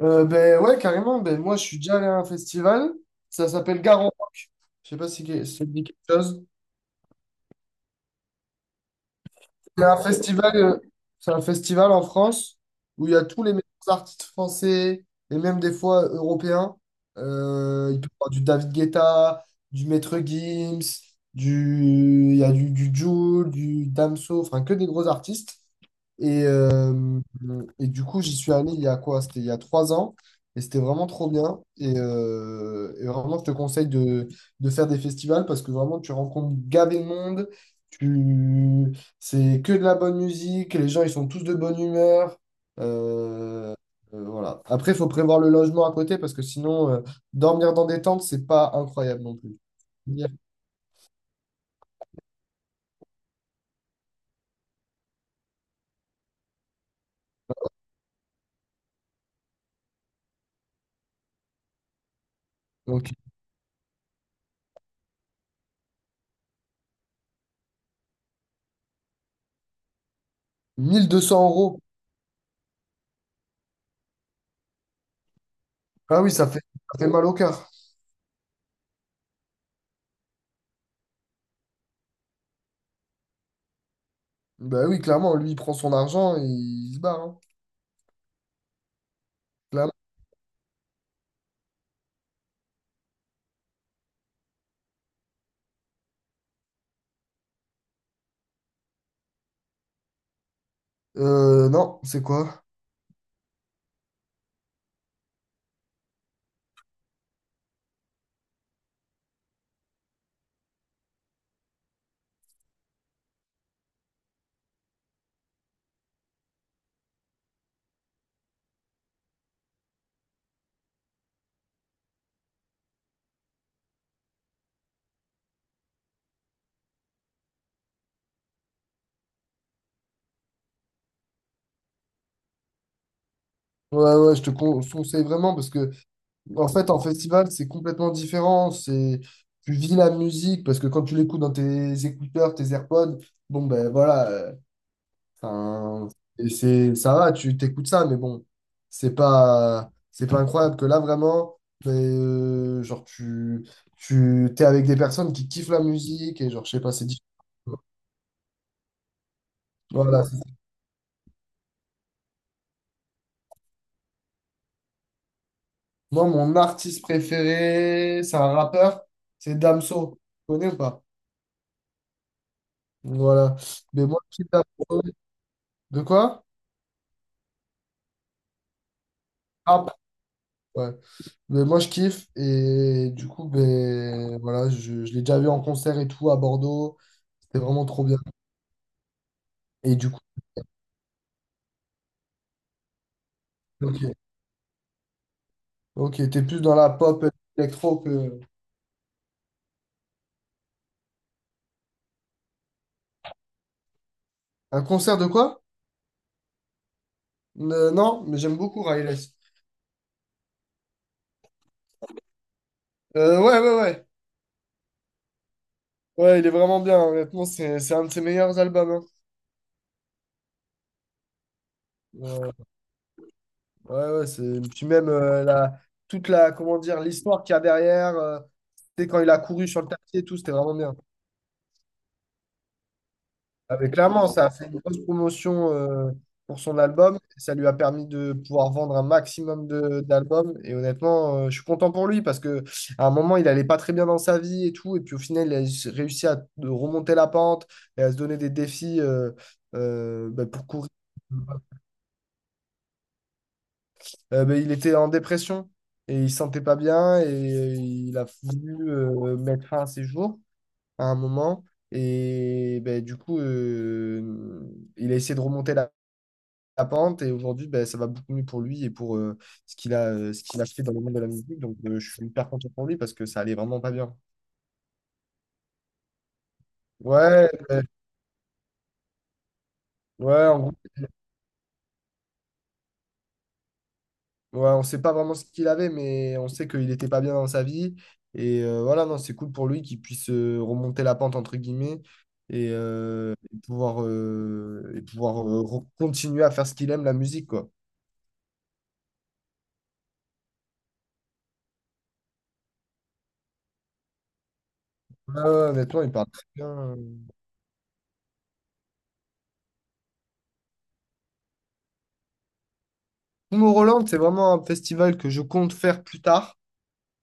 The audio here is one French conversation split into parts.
Ben ouais, carrément. Ben, moi, je suis déjà allé à un festival. Ça s'appelle Garant. Je sais pas si ça te dit quelque chose. C'est un festival, euh, c'est un festival en France où il y a tous les meilleurs artistes français et même des fois européens. Il peut y avoir du David Guetta, du Maître Gims, du, il y a du Jul, du Damso, enfin que des gros artistes. Et, euh, et du coup, j'y suis allé il y a quoi? C'était il y a 3 ans. Et c'était vraiment trop bien. Et vraiment, je te conseille de faire des festivals parce que vraiment, tu rencontres gavé de monde. Tu, c'est que de la bonne musique, les gens ils sont tous de bonne humeur. Euh, voilà. Après, il faut prévoir le logement à côté parce que sinon, dormir dans des tentes, c'est pas incroyable non plus. Yeah. Donc, 1200 euros. Ah oui, ça fait mal au cœur. Bah oui, clairement, lui il prend son argent et il se barre, hein. Clairement. Non, c'est quoi? Ouais, ouais, je te conseille vraiment parce que. En fait, en festival, c'est complètement différent. Tu vis la musique parce que quand tu l'écoutes dans tes écouteurs, tes AirPods, bon ben voilà, enfin, ça va, tu t'écoutes ça, mais bon, c'est pas incroyable que là vraiment, ben, genre t'es avec des personnes qui kiffent la musique et genre je sais pas, c'est différent. Voilà. Moi, mon artiste préféré, c'est un rappeur, c'est Damso. Tu connais ou pas? Voilà. Mais moi, je kiffe Damso. De quoi? Rap, ouais. Mais moi, je kiffe. Et du coup, ben, voilà, je l'ai déjà vu en concert et tout à Bordeaux. C'était vraiment trop bien. Et du coup, ok. Ok, t'es plus dans la pop électro que. Un concert de quoi? Non, mais j'aime beaucoup Riles. Ouais, ouais, ouais. Ouais, il est vraiment bien. Honnêtement, c'est un de ses meilleurs albums, hein. Euh, ouais, ouais, c'est. Puis même toute la, comment dire, l'histoire qu'il y a derrière. C'était quand il a couru sur le tapis et tout, c'était vraiment bien. Ah, mais clairement, ça a fait une grosse promotion pour son album. Ça lui a permis de pouvoir vendre un maximum de d'albums. Et honnêtement, je suis content pour lui parce que à un moment, il allait pas très bien dans sa vie et tout. Et puis au final, il a réussi à de remonter la pente et à se donner des défis bah, pour courir. Bah, il était en dépression et il se sentait pas bien et il a voulu mettre fin à ses jours à un moment. Et bah, du coup, il a essayé de remonter la pente et aujourd'hui, ben, ça va beaucoup mieux pour lui et pour ce qu'il a fait dans le monde de la musique. Donc, je suis hyper content pour lui parce que ça allait vraiment pas bien. Ouais, ouais, ouais, en gros, ouais, on sait pas vraiment ce qu'il avait, mais on sait qu'il était pas bien dans sa vie. Et voilà, non, c'est cool pour lui qu'il puisse remonter la pente, entre guillemets, et pouvoir continuer à faire ce qu'il aime, la musique, quoi. Ouais, ouais, honnêtement, il parle très bien. Tomorrowland, c'est vraiment un festival que je compte faire plus tard.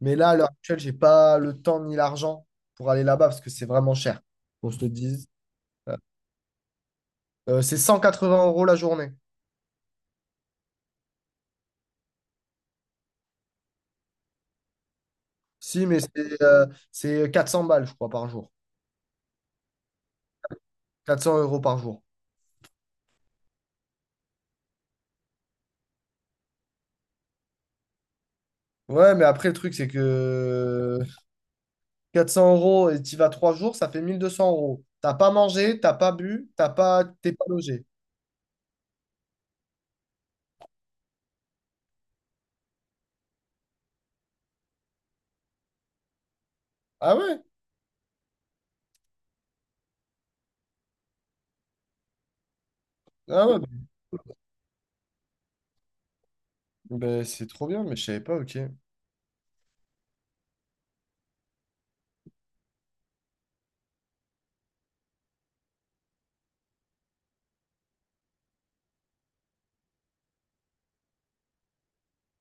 Mais là, à l'heure actuelle, j'ai pas le temps ni l'argent pour aller là-bas parce que c'est vraiment cher. Qu'on se le dise. Euh, c'est 180 euros la journée. Si, mais c'est 400 balles, je crois, par jour. 400 euros par jour. Ouais, mais après, le truc, c'est que 400 euros et tu vas 3 jours, ça fait 1200 euros. T'as pas mangé, t'as pas bu, t'es pas logé. Ah ouais? Ah ouais. Ben, c'est trop bien, mais je savais pas, ok.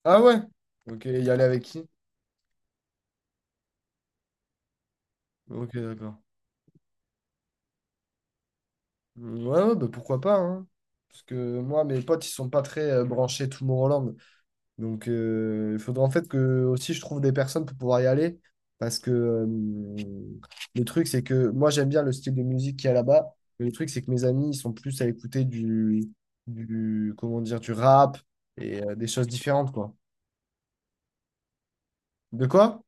Ah ouais? Ok, y aller avec qui? Ok, d'accord. Mm, ouais, ouais, bah pourquoi pas, hein. Parce que moi, mes potes, ils sont pas très branchés Tomorrowland. Donc, il faudrait en fait que aussi je trouve des personnes pour pouvoir y aller. Parce que le truc, c'est que moi, j'aime bien le style de musique qu'il y a là-bas. Mais le truc, c'est que mes amis, ils sont plus à écouter comment dire, du rap et des choses différentes, quoi. De quoi?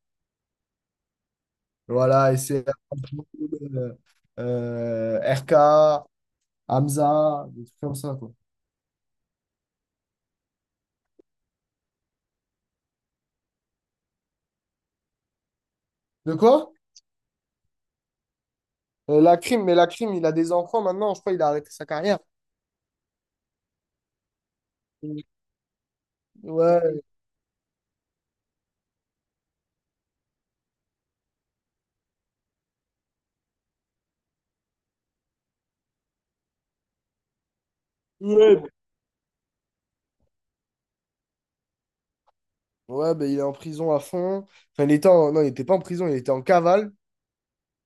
Voilà, et c'est euh, RK, Hamza, des trucs comme ça, quoi. De quoi? La crime, mais la crime, il a des enfants maintenant, je crois qu'il a arrêté sa carrière. Ouais, ouais. Ouais, ben, il est en prison à fond. Enfin, il était Non, il n'était pas en prison, il était en cavale.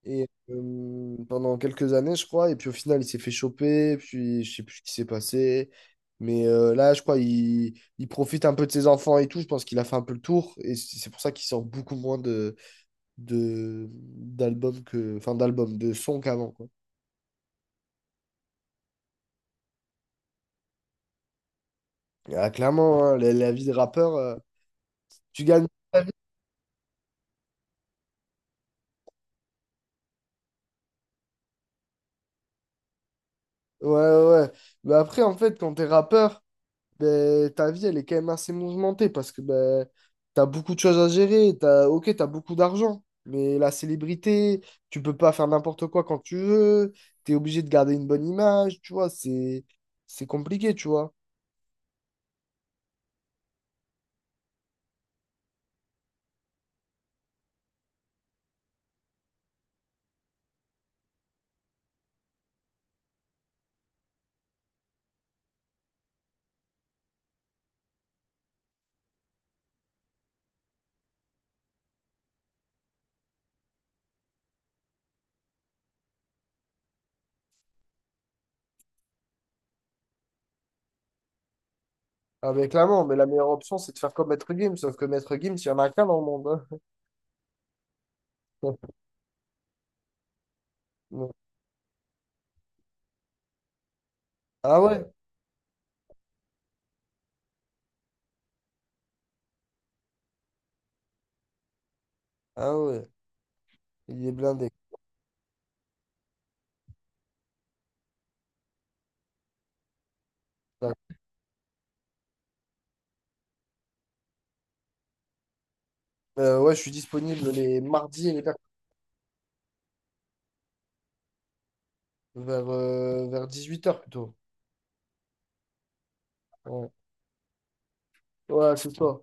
Et pendant quelques années, je crois. Et puis au final, il s'est fait choper. Puis je sais plus ce qui s'est passé. Mais là, je crois, il profite un peu de ses enfants et tout. Je pense qu'il a fait un peu le tour. Et c'est pour ça qu'il sort beaucoup moins d'albums que. Enfin, d'albums, de sons qu'avant, quoi. Ah, clairement, hein, la vie de rappeur, tu gagnes. Ouais, ouais. Ouais. Mais après, en fait, quand t'es rappeur, ben, ta vie, elle est quand même assez mouvementée parce que ben, t'as beaucoup de choses à gérer. T'as, ok, t'as beaucoup d'argent, mais la célébrité, tu peux pas faire n'importe quoi quand tu veux. T'es obligé de garder une bonne image, tu vois. C'est compliqué, tu vois. Avec l'amant, mais la meilleure option, c'est de faire comme Maître Gims. Sauf que Maître Gims, il y en a qu'un dans le monde, hein. Ouais. Ah ouais? Ah ouais. Il est blindé. Ouais, je suis disponible les mardis et les mercredis vers 18h plutôt. Ouais, ouais c'est ça.